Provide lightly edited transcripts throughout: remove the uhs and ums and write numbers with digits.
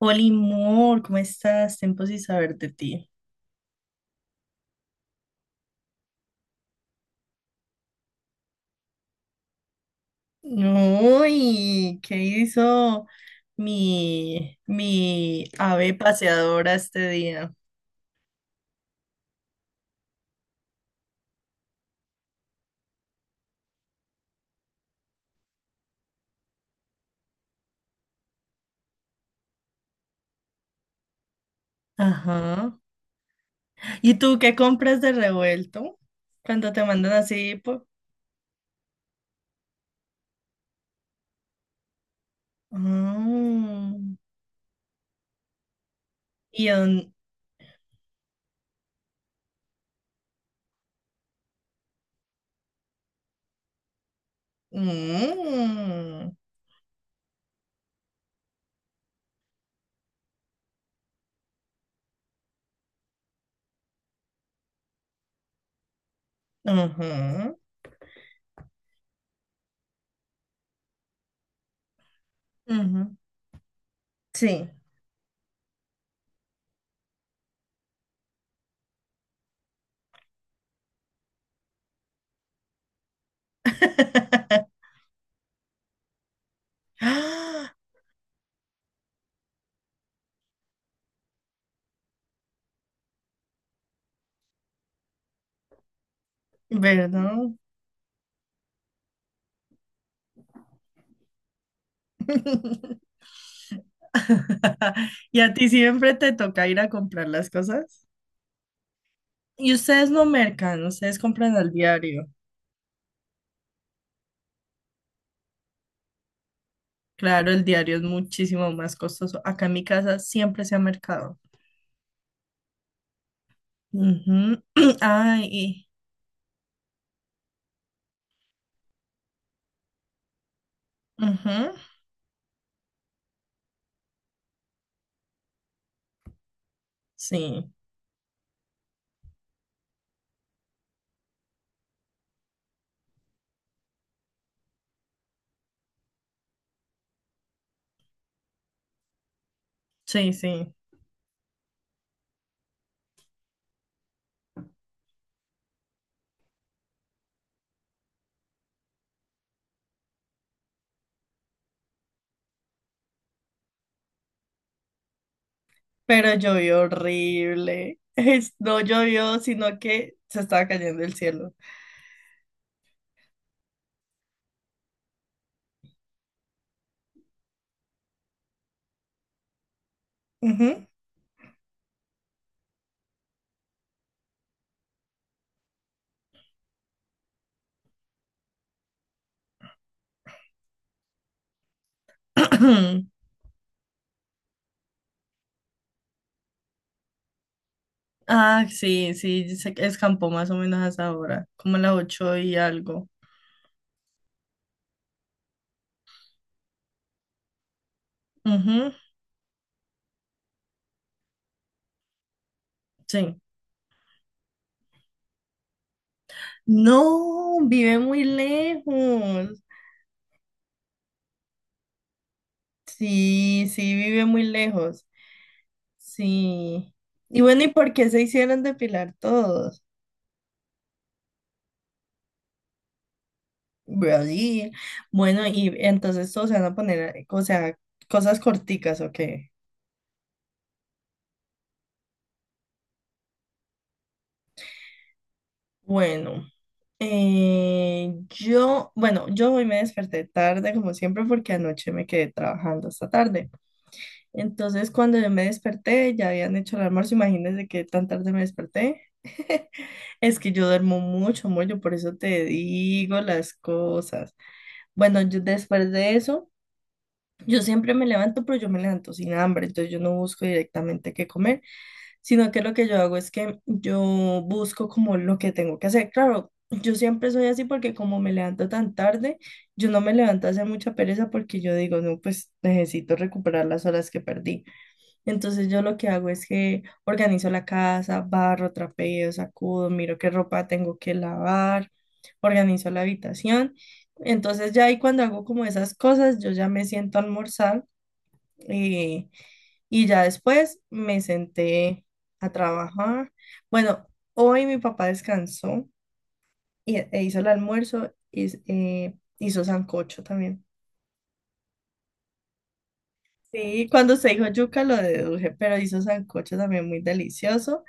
Oli Moore, ¿cómo estás? Tiempo sin saber de ti. Uy, ¿qué hizo mi ave paseadora este día? Ajá. ¿Y tú qué compras de revuelto cuando te mandan así? Por... Ah, Y en- mm, Ajá. Ujú. Sí. Ah, ¿Verdad? ¿Y a ti siempre te toca ir a comprar las cosas? Y ustedes no mercan, ustedes compran al diario. Claro, el diario es muchísimo más costoso. Acá en mi casa siempre se ha mercado. Ujú. Ay, y- ujú. Sí, sí, sí. Pero llovió horrible. Es- no llovió, sino que se estaba cayendo el cielo. Ujú. Ah, sí, sí, se escampó más o menos a esa hora, como a las ocho y algo. Ujú, sí. No, vive muy lejos. Sí, sí, vive muy lejos. Sí. Y bueno, ¿y por qué se hicieron depilar todos? Brody. Bueno, y entonces todos se van a poner, o sea, cosas corticas, ¿o qué? Bueno, yo, bueno, yo hoy me desperté tarde, como siempre, porque anoche me quedé trabajando hasta tarde. Entonces, cuando yo me desperté, ya habían hecho el almuerzo, imagínense que tan tarde me desperté. Es que yo duermo mucho, amor, yo por eso te digo las cosas. Bueno, yo después de eso, yo siempre me levanto, pero yo me levanto sin hambre, entonces yo no busco directamente qué comer, sino que lo que yo hago es que yo busco como lo que tengo que hacer. Claro, yo siempre soy así porque como me levanto tan tarde, yo no me levanto a hacer mucha pereza porque yo digo, no, pues necesito recuperar las horas que perdí. Entonces yo lo que hago es que organizo la casa, barro, trapeo, sacudo, miro qué ropa tengo que lavar, organizo la habitación. Entonces ya ahí cuando hago como esas cosas, yo ya me siento a almorzar eh, y ya después me senté a trabajar. Bueno, hoy mi papá descansó y, e hizo el almuerzo y hizo sancocho también. Sí, cuando se dijo yuca lo deduje, pero hizo sancocho también muy delicioso.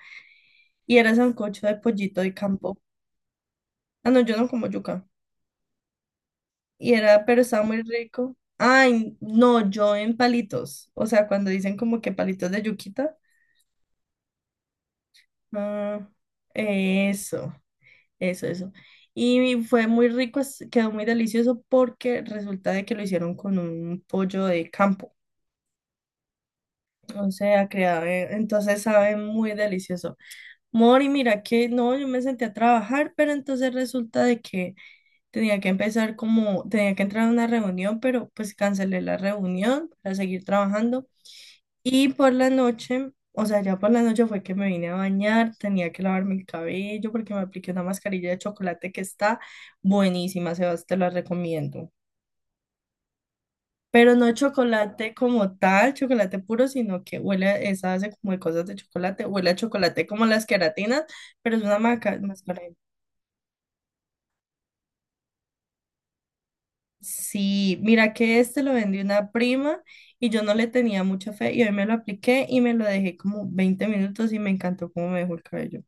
Y era sancocho de pollito de campo. Ah, no, yo no como yuca. Y era, pero estaba muy rico. Ay, no, yo en palitos. O sea, cuando dicen como que palitos de yuquita. Ah, eso, eso, eso. Y fue muy rico, es- quedó muy delicioso porque resulta de que lo hicieron con un pollo de campo. O sea, creado, entonces sabe muy delicioso. Mori, mira que no, yo me senté a trabajar, pero entonces resulta de que tenía que empezar como, tenía que entrar a una reunión, pero pues cancelé la reunión para seguir trabajando. Y por la noche, o sea, ya por la noche fue que me vine a bañar, tenía que lavarme el cabello porque me apliqué una mascarilla de chocolate que está buenísima, Sebas, te la recomiendo. Pero no chocolate como tal, chocolate puro, sino que huele, a- esa hace como de cosas de chocolate, huele a chocolate como las queratinas, pero es una maca- mascarilla. Sí, mira que este lo vendí una prima y yo no le tenía mucha fe y hoy me lo apliqué y me lo dejé como 20 minutos y me encantó cómo me dejó el cabello.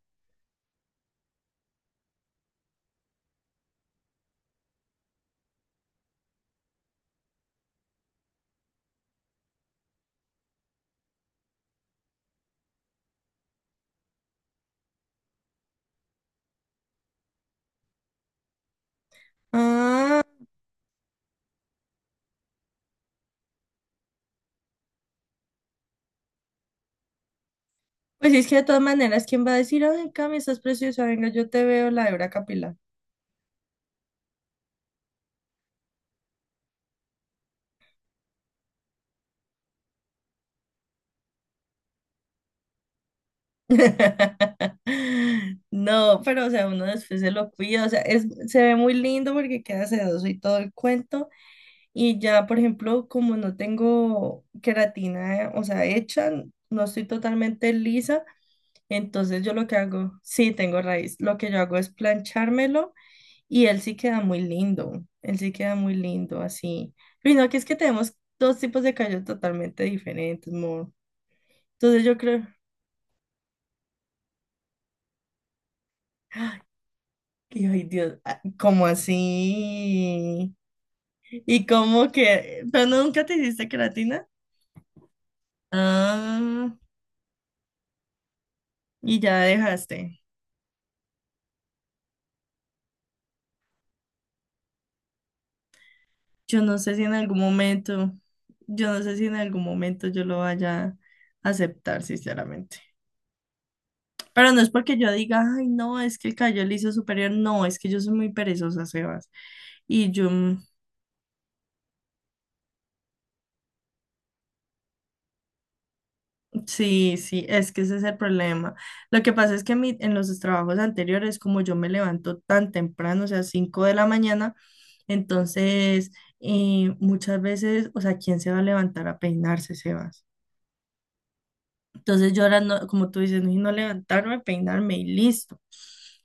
Ah, pues es que de todas maneras, ¿quién va a decir, ay, Cami, estás preciosa, venga, yo te veo la hebra capilar? No, pero o sea, uno después se lo cuida, o sea, es, se ve muy lindo porque queda sedoso y todo el cuento. Y ya, por ejemplo, como no tengo queratina, o sea, hecha, no estoy totalmente lisa, entonces yo lo que hago, sí, tengo raíz. Lo que yo hago es planchármelo y él sí queda muy lindo. Él sí queda muy lindo así. Y no, que es que tenemos dos tipos de cabello totalmente diferentes, amor. Entonces yo creo, ay, que- ay, Dios, ah, ¿cómo así? Y como que, pero no, nunca te hiciste queratina. Ah, y ya dejaste. Yo no sé si en algún momento, yo no sé si en algún momento yo lo vaya a aceptar, sinceramente. Pero no es porque yo diga, ay, no, es que el Cayol hizo superior. No, es que yo soy muy perezosa, Sebas. Y yo, mm, sí, sí, es que ese es el problema. Lo que pasa es que mi- en los trabajos anteriores, como yo me levanto tan temprano, o sea, 5 de la mañana, entonces muchas veces, o sea, ¿quién se va a levantar a peinarse, Sebas? Entonces yo ahora, no, como tú dices, no levantarme, peinarme y listo.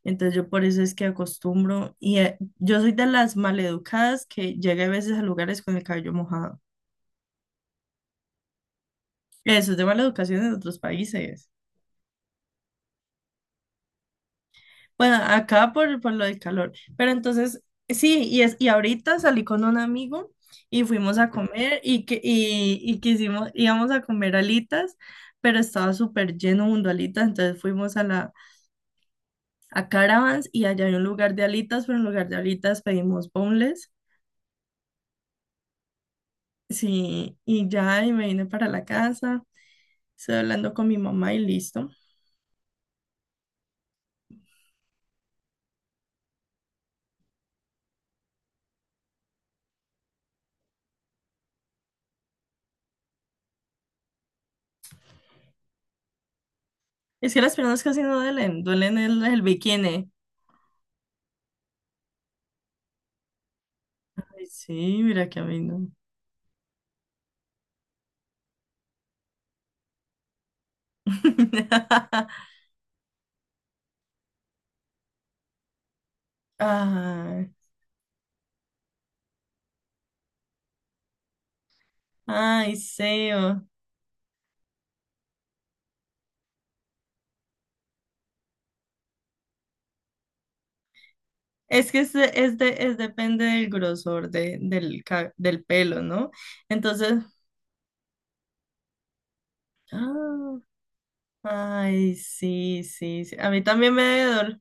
Entonces yo por eso es que acostumbro y yo soy de las maleducadas que llega a veces a lugares con el cabello mojado. Eso es de mala educación en otros países. Bueno, acá por lo del calor. Pero entonces, sí, y, es, y ahorita salí con un amigo y fuimos a comer y, que, y quisimos, íbamos a comer alitas, pero estaba súper lleno de alitas, entonces fuimos a la a Caravans y allá hay un lugar de alitas, pero en lugar de alitas pedimos boneless. Sí, y ya, y me vine para la casa, estoy hablando con mi mamá y listo. Es que las piernas casi no duelen, duelen el bikini. Ay, sí, mira que a mí no. Ay, ay, Seo. Es que es, de- es, de- es depende del grosor de, del, ca- del pelo, ¿no? Entonces, ah, ay, sí, sí, sí. A mí también me debe doler.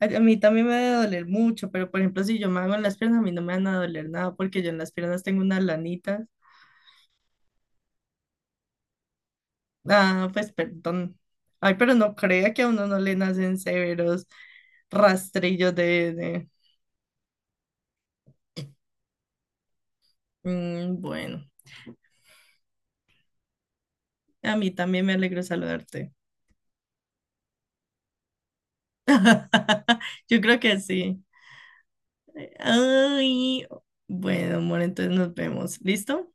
A mí también me debe doler mucho, pero por ejemplo, si yo me hago en las piernas, a mí no me van a doler nada porque yo en las piernas tengo unas lanitas. Ah, pues perdón. Ay, pero no crea que a uno no le nacen severos rastrillos de- Mm, bueno, a mí también me alegro saludarte. Yo creo que sí. Ay, bueno, amor, entonces nos vemos. ¿Listo?